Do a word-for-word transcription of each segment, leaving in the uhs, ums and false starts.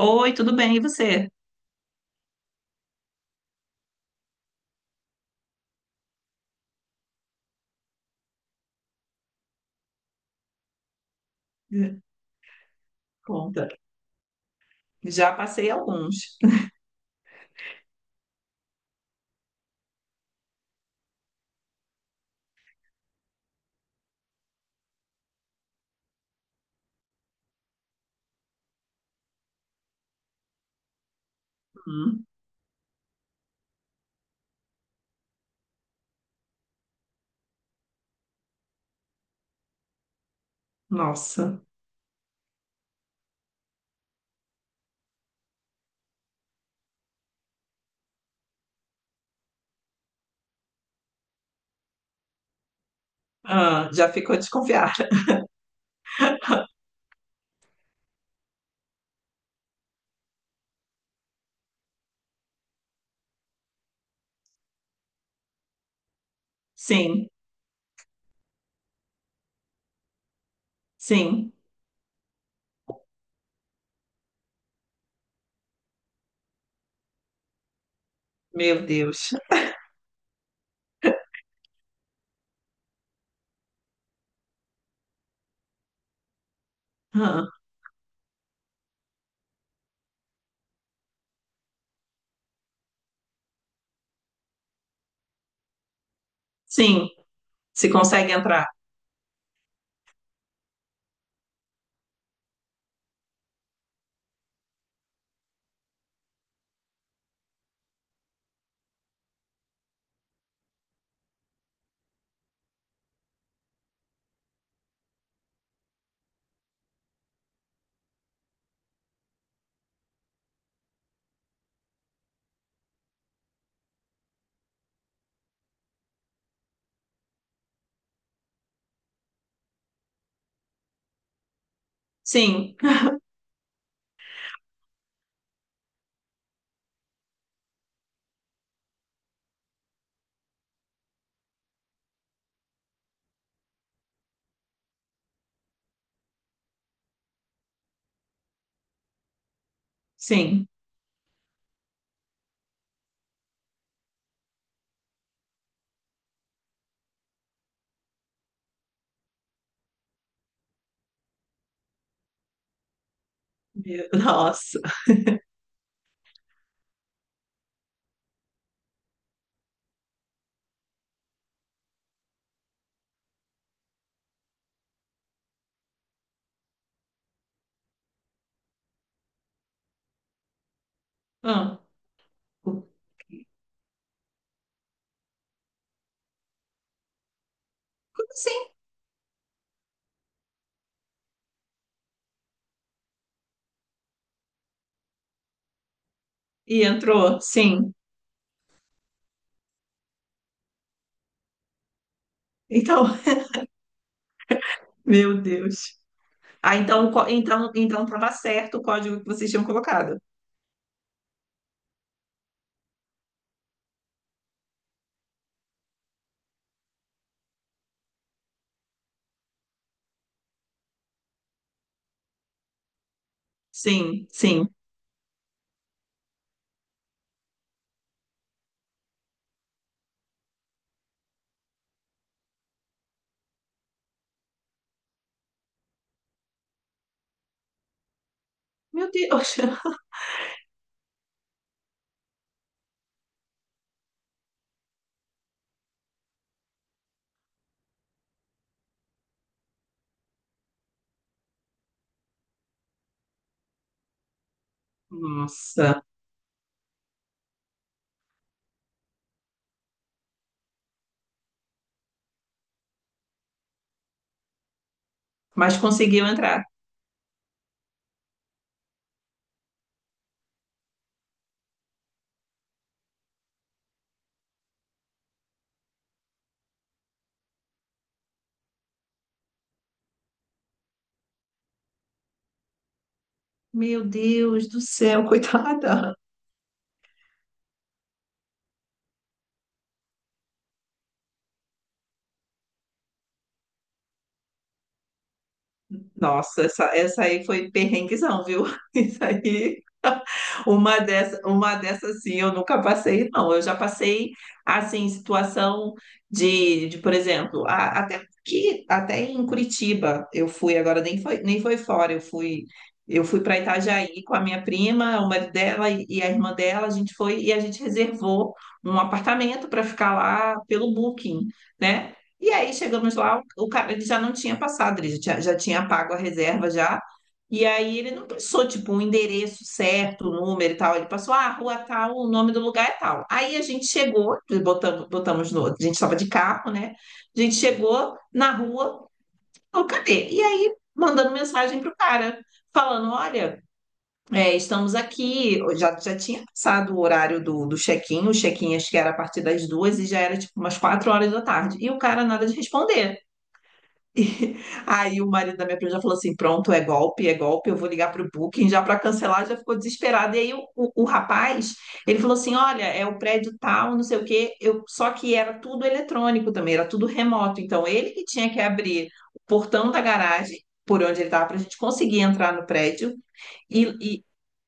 Oi, tudo bem? E você? Conta. Já passei alguns. Hum, nossa. Ah, já ficou desconfiada. Sim, sim. Meu Deus. Ah, sim, se consegue entrar. Sim, sim. Meu- nossa. Ah, o- como assim? E entrou? Sim. Então, meu Deus. Ah, então, co- então, então estava certo o código que vocês tinham colocado. Sim, sim. Meu Deus. Nossa. Mas conseguiu entrar. Meu Deus do céu, coitada. Nossa, essa, essa aí foi perrenguezão, viu? Isso aí. Uma dessa, uma dessas assim, eu nunca passei, não. Eu já passei assim, situação de, de, por exemplo, a- até que até em Curitiba eu fui agora, nem foi, nem foi fora, eu fui, eu fui para Itajaí com a minha prima, o marido dela e e a irmã dela. A gente foi e a gente reservou um apartamento para ficar lá pelo Booking, né? E aí chegamos lá, o o cara, ele já não tinha passado, ele já tinha, já tinha pago a reserva já. E aí ele não passou, tipo, um endereço certo, um número e tal. Ele passou, ah, rua tal, o nome do lugar é tal. Aí a gente chegou, botamos, botamos no, a gente estava de carro, né? A gente chegou na rua, falou, cadê? E aí, mandando mensagem pro cara, falando, olha, é, estamos aqui. Já, já tinha passado o horário do, do check-in. O check-in acho que era a partir das duas e já era, tipo, umas quatro horas da tarde. E o cara nada de responder. Aí o marido da minha prima já falou assim: pronto, é golpe, é golpe, eu vou ligar para o Booking já para cancelar, já ficou desesperado. E aí o, o, o rapaz, ele falou assim: olha, é o prédio tal, não sei o quê, eu, só que era tudo eletrônico também, era tudo remoto. Então ele que tinha que abrir o portão da garagem, por onde ele estava, para a gente conseguir entrar no prédio, e,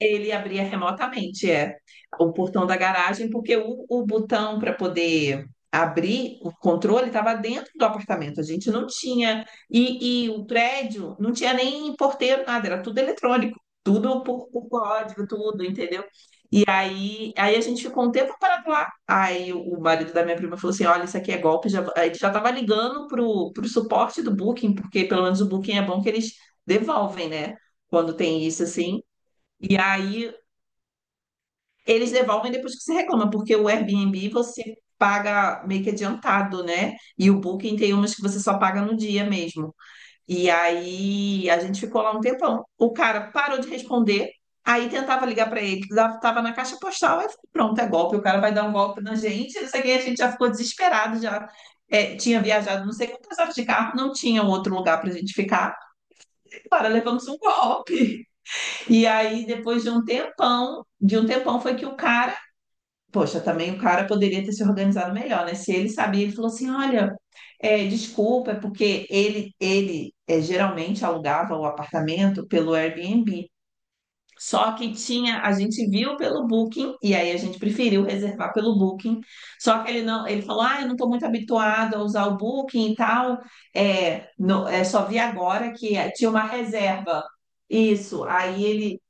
ele abria remotamente, é, o portão da garagem, porque o, o botão para poder abrir o controle estava dentro do apartamento. A gente não tinha. E, e o prédio não tinha nem porteiro, nada, era tudo eletrônico, tudo por, por código, tudo, entendeu? E aí, aí a gente ficou um tempo parado lá. Aí o o marido da minha prima falou assim: olha, isso aqui é golpe. Já, aí ele já estava ligando pro, pro suporte do Booking, porque pelo menos o Booking é bom que eles devolvem, né? Quando tem isso assim. E aí eles devolvem depois que você reclama, porque o Airbnb você paga meio que adiantado, né? E o Booking tem umas que você só paga no dia mesmo. E aí a gente ficou lá um tempão. O cara parou de responder, aí tentava ligar para ele, lá tava na caixa postal. Aí eu falei, pronto, é golpe, o cara vai dar um golpe na gente. Não sei o que, a gente já ficou desesperado, já é, tinha viajado não sei quantas horas de carro, não tinha outro lugar para gente ficar. Cara, levamos um golpe. E aí depois de um tempão, de um tempão foi que o cara... Poxa, também o cara poderia ter se organizado melhor, né? Se ele sabia. Ele falou assim: olha, é, desculpa, é porque ele, ele é, geralmente alugava o apartamento pelo Airbnb. Só que tinha, a gente viu pelo Booking, e aí a gente preferiu reservar pelo Booking. Só que ele não, ele falou: ah, eu não estou muito habituado a usar o Booking e tal. É, no- é, só vi agora que tinha uma reserva. Isso. Aí ele,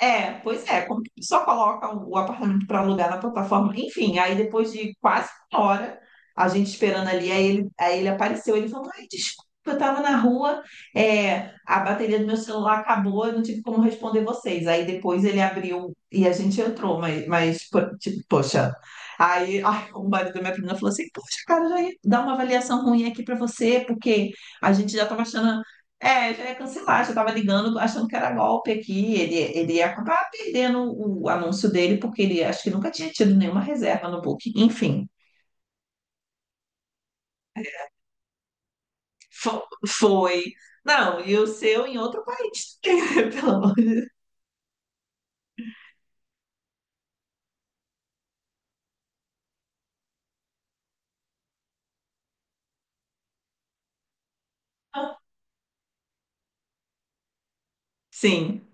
é, pois é, como que a pessoa coloca o apartamento para alugar na plataforma? Enfim, aí depois de quase uma hora, a gente esperando ali, aí ele, aí ele apareceu. Ele falou, ai, desculpa, eu estava na rua, é, a bateria do meu celular acabou, eu não tive como responder vocês. Aí depois ele abriu e a gente entrou, mas, mas po- tipo, poxa. Aí, ai, o marido da minha prima falou assim, poxa, cara, já ia dar uma avaliação ruim aqui para você, porque a gente já estava achando é, já ia cancelar, já estava ligando, achando que era golpe aqui. Ele, ele ia acabar perdendo o anúncio dele, porque ele acho que nunca tinha tido nenhuma reserva no Booking. Enfim, fo- foi. Não, e o seu em outro país. Pelo amor. Sim,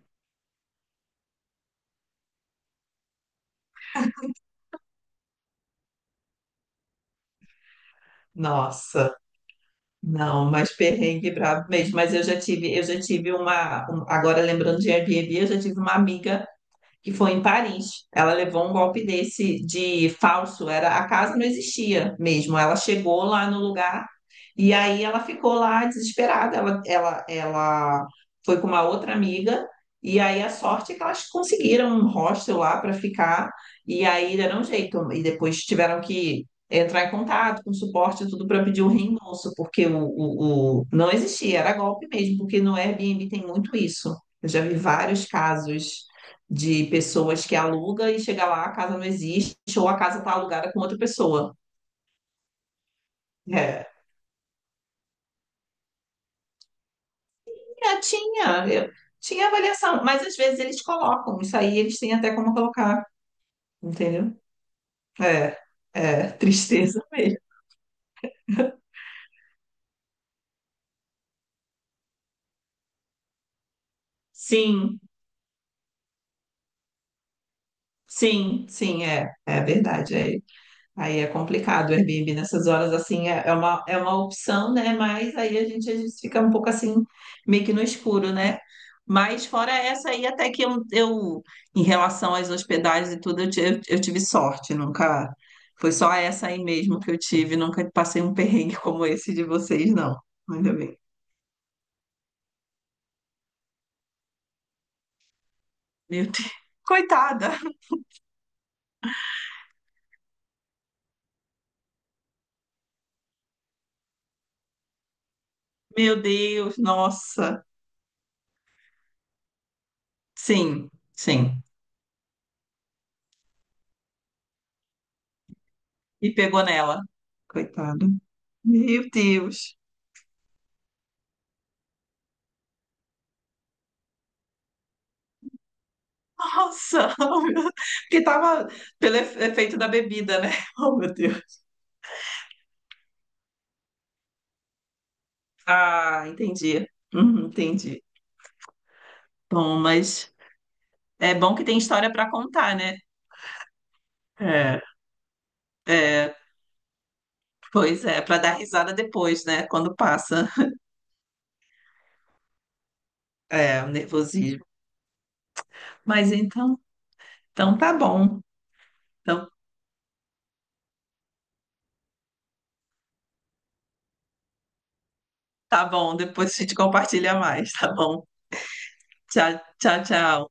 nossa. Não, mas perrengue brabo mesmo. Mas eu já tive, eu já tive uma. Um- agora lembrando de Airbnb, eu já tive uma amiga que foi em Paris. Ela levou um golpe desse de falso, era... A casa não existia mesmo. Ela chegou lá no lugar e aí ela ficou lá desesperada. Ela, ela, ela foi com uma outra amiga e aí a sorte é que elas conseguiram um hostel lá para ficar. E aí deram um jeito e depois tiveram que entrar em contato com suporte e tudo para pedir um reembolso, porque o, o, o não existia, era golpe mesmo, porque no Airbnb tem muito isso. Eu já vi vários casos de pessoas que aluga e chega lá, a casa não existe, ou a casa está alugada com outra pessoa. É, é, tinha, eu- tinha avaliação, mas às vezes eles colocam, isso aí eles têm até como colocar, entendeu? É, é, tristeza mesmo. Sim, sim, sim, é, é verdade. É. Aí é complicado, o Airbnb nessas horas, assim, é é uma, é uma opção, né? Mas aí a gente, a gente fica um pouco assim, meio que no escuro, né? Mas fora essa aí, até que eu, eu em relação às hospedagens e tudo, eu, ti- eu, eu tive sorte, nunca... Foi só essa aí mesmo que eu tive, nunca passei um perrengue como esse de vocês, não. Ainda bem. Meu Deus, coitada! Meu Deus, nossa! Sim, sim. E pegou nela. Coitado. Meu Deus. Nossa, oh, meu Deus. Porque tava pelo efe- efeito da bebida, né? Oh, meu Deus. Ah, entendi. Uhum, entendi. Bom, mas é bom que tem história para contar, né? É, é, pois é, para dar risada depois, né? Quando passa, é, o nervosismo. Mas então, então tá bom. Então tá bom, depois a gente compartilha mais, tá bom? Tchau, tchau, tchau.